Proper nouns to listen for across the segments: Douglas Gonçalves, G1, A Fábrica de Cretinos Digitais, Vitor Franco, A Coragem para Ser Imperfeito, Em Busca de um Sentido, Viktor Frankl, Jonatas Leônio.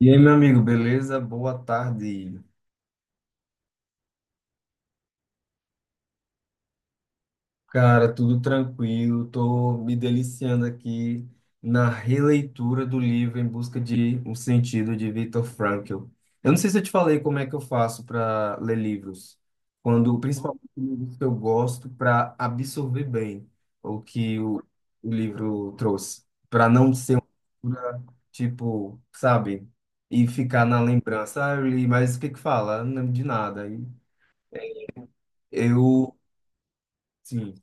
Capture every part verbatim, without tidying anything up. E aí, meu amigo, beleza? Boa tarde. Cara, tudo tranquilo. Tô me deliciando aqui na releitura do livro Em Busca de um Sentido de Viktor Frankl. Eu não sei se eu te falei como é que eu faço para ler livros, quando principalmente livros que eu gosto para absorver bem o que o, o livro trouxe, para não ser uma leitura, tipo, sabe, e ficar na lembrança. Ah, eu li, mas o que que fala? Eu Não lembro de nada. E eu Sim,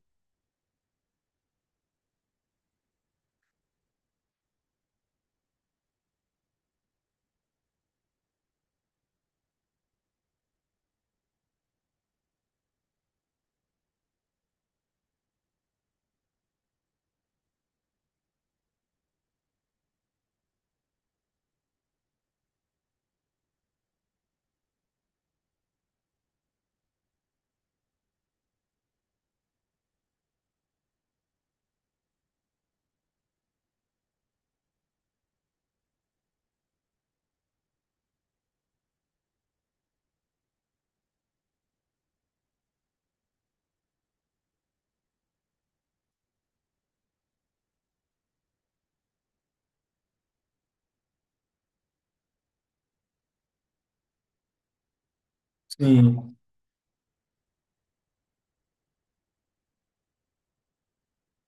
sim.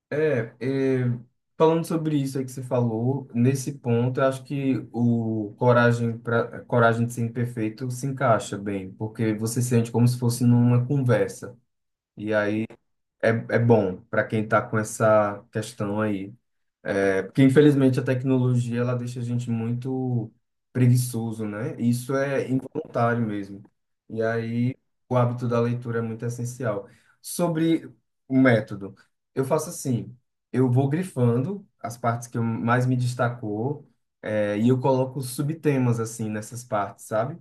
É, é, Falando sobre isso aí que você falou, nesse ponto, eu acho que o coragem pra, coragem de ser imperfeito se encaixa bem, porque você sente como se fosse numa conversa. E aí é, é bom para quem tá com essa questão aí. É, porque infelizmente a tecnologia ela deixa a gente muito preguiçoso, né? Isso é involuntário mesmo. E aí o hábito da leitura é muito essencial. Sobre o método, eu faço assim, eu vou grifando as partes que eu mais me destacou, é, e eu coloco subtemas assim nessas partes, sabe?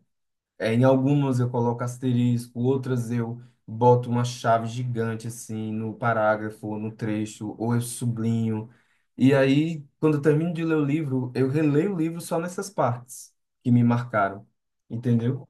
É, em algumas eu coloco asterisco, outras eu boto uma chave gigante assim no parágrafo, ou no trecho, ou eu sublinho. E aí, quando eu termino de ler o livro, eu releio o livro só nessas partes que me marcaram, entendeu?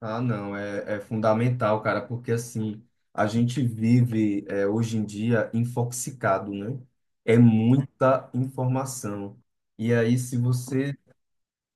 Ah, não, é, é fundamental, cara, porque assim, a gente vive é, hoje em dia infoxicado, né? É muita informação. E aí, se você.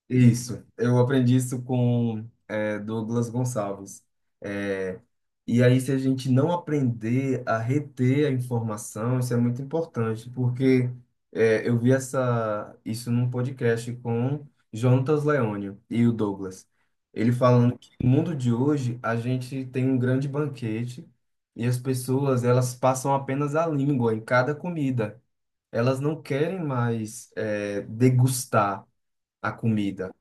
Isso, eu aprendi isso com é, Douglas Gonçalves. É, e aí, se a gente não aprender a reter a informação, isso é muito importante, porque é, eu vi essa, isso num podcast com Jonatas Leônio e o Douglas. Ele falando que no mundo de hoje a gente tem um grande banquete e as pessoas elas passam apenas a língua em cada comida. Elas não querem mais é, degustar a comida.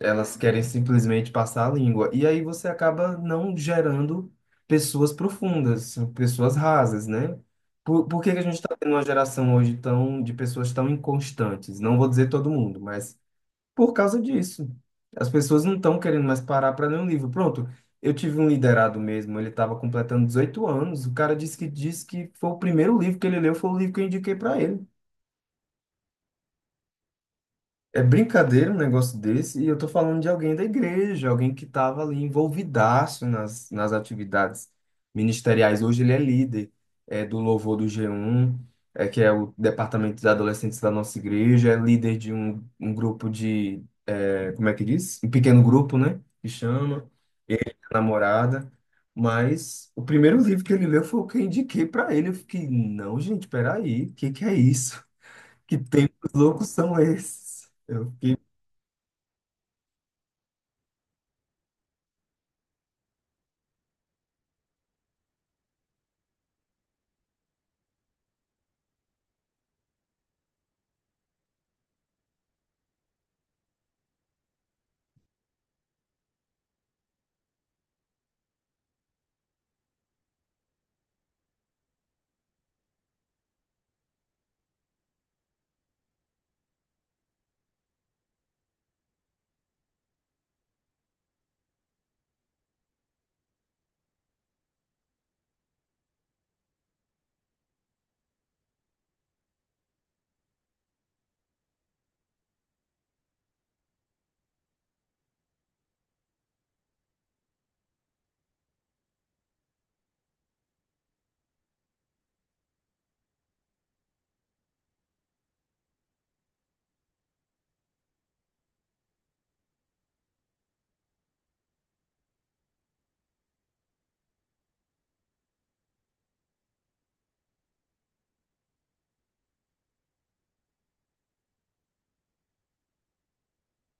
Elas querem simplesmente passar a língua. E aí você acaba não gerando pessoas profundas, pessoas rasas, né? Por, por que que a gente está tendo uma geração hoje tão, de pessoas tão inconstantes? Não vou dizer todo mundo, mas por causa disso. As pessoas não estão querendo mais parar para ler um livro. Pronto, eu tive um liderado mesmo, ele estava completando dezoito anos, o cara disse que, disse que foi o primeiro livro que ele leu, foi o livro que eu indiquei para ele. É brincadeira um negócio desse, e eu tô falando de alguém da igreja, alguém que estava ali envolvidaço nas, nas atividades ministeriais. Hoje ele é líder é, do Louvor do G um, é, que é o departamento de adolescentes da nossa igreja, é líder de um, um grupo de, é, como é que diz? Um pequeno grupo, né? Que chama, namorada. Mas o primeiro livro que ele leu foi o que eu indiquei para ele. Eu fiquei, não, gente, peraí, o que que é isso? Que tempos loucos são esses? Eu fiquei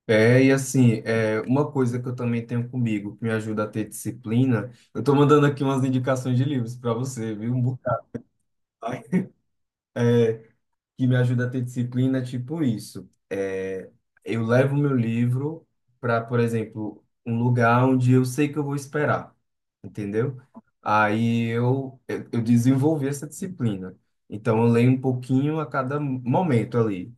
é, e assim, é, uma coisa que eu também tenho comigo, que me ajuda a ter disciplina, eu tô mandando aqui umas indicações de livros para você, viu? Um bocado. É, que me ajuda a ter disciplina, é tipo isso. É, eu levo meu livro para, por exemplo, um lugar onde eu sei que eu vou esperar, entendeu? Aí eu, eu, eu desenvolvi essa disciplina. Então, eu leio um pouquinho a cada momento ali.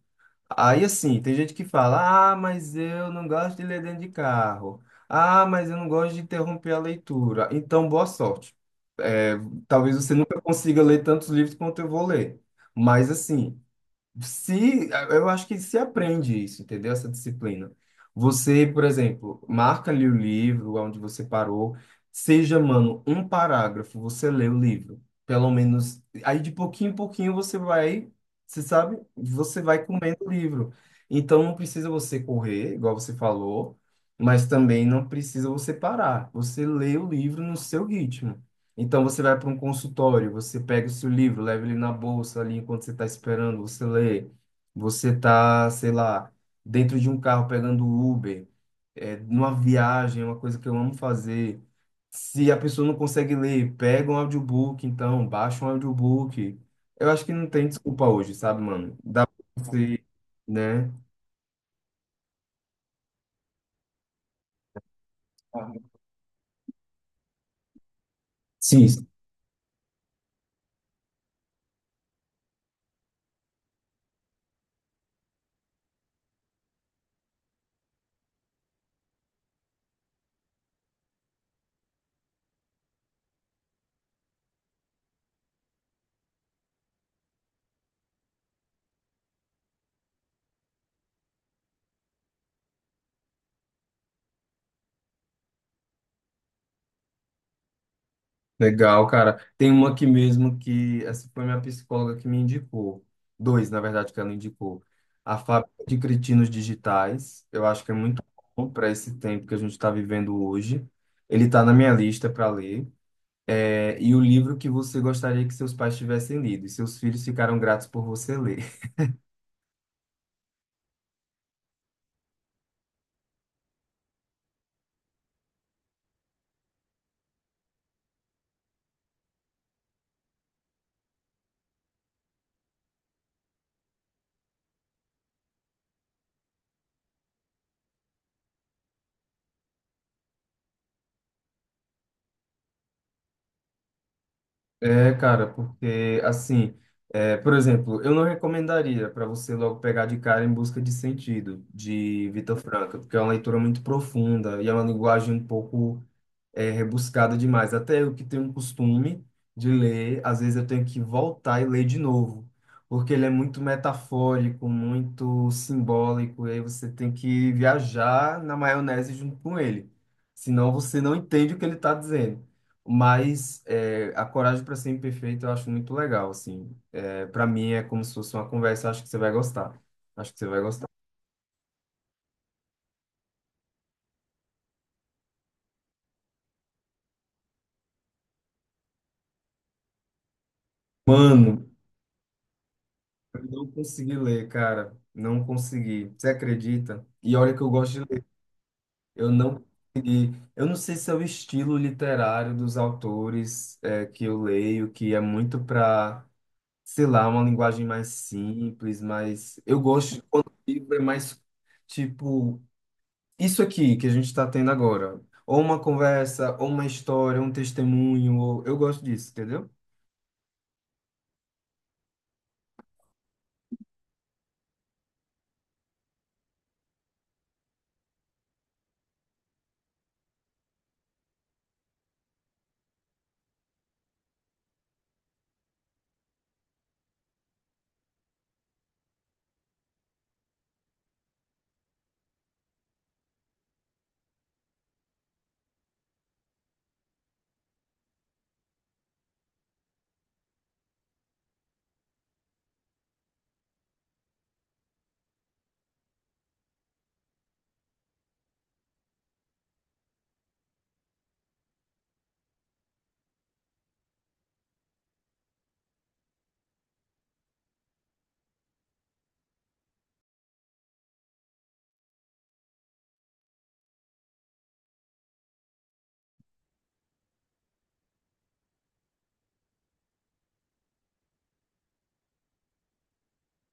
Aí assim, tem gente que fala: ah, mas eu não gosto de ler dentro de carro. Ah, mas eu não gosto de interromper a leitura. Então, boa sorte. É, talvez você nunca consiga ler tantos livros quanto eu vou ler. Mas assim, se, eu acho que se aprende isso, entendeu? Essa disciplina. Você, por exemplo, marca ali o livro, onde você parou, seja, mano, um parágrafo, você lê o livro. Pelo menos, aí de pouquinho em pouquinho você vai, você sabe, você vai comendo o livro. Então não precisa você correr, igual você falou, mas também não precisa você parar. Você lê o livro no seu ritmo. Então você vai para um consultório, você pega o seu livro, leva ele na bolsa ali enquanto você está esperando, você lê. Você tá, sei lá, dentro de um carro pegando Uber, é, numa viagem, é uma coisa que eu amo fazer. Se a pessoa não consegue ler, pega um audiobook, então, baixa um audiobook. Eu acho que não tem desculpa hoje, sabe, mano? Dá pra você, né? Sim, legal, cara. Tem uma aqui mesmo que essa foi minha psicóloga que me indicou. Dois, na verdade, que ela indicou. A Fábrica de Cretinos Digitais, eu acho que é muito bom para esse tempo que a gente está vivendo hoje. Ele está na minha lista para ler. É, e o livro que você gostaria que seus pais tivessem lido e seus filhos ficaram gratos por você ler. É, cara, porque assim, é, por exemplo, eu não recomendaria para você logo pegar de cara Em Busca de Sentido, de Vitor Franco, porque é uma leitura muito profunda e é uma linguagem um pouco é rebuscada demais. Até eu que tenho um costume de ler, às vezes eu tenho que voltar e ler de novo, porque ele é muito metafórico, muito simbólico, e aí você tem que viajar na maionese junto com ele. Senão você não entende o que ele está dizendo. Mas é, A Coragem para Ser Imperfeito eu acho muito legal, assim. É, para mim é como se fosse uma conversa, acho que você vai gostar. Acho que você vai gostar. Mano, eu não consegui ler, cara. Não consegui. Você acredita? E olha que eu gosto de ler. Eu não, eu não sei se é o estilo literário dos autores é, que eu leio, que é muito para, sei lá, uma linguagem mais simples, mas eu gosto quando o livro é mais tipo isso aqui que a gente está tendo agora. Ou uma conversa, ou uma história, um testemunho. Ou... Eu gosto disso, entendeu?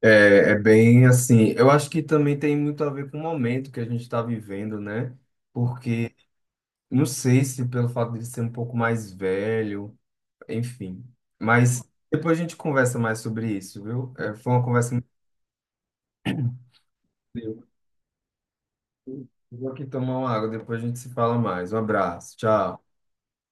É, é bem assim. Eu acho que também tem muito a ver com o momento que a gente está vivendo, né? Porque não sei se pelo fato de ser um pouco mais velho, enfim. Mas depois a gente conversa mais sobre isso, viu? É, foi uma conversa muito. Vou aqui tomar uma água, depois a gente se fala mais. Um abraço, tchau.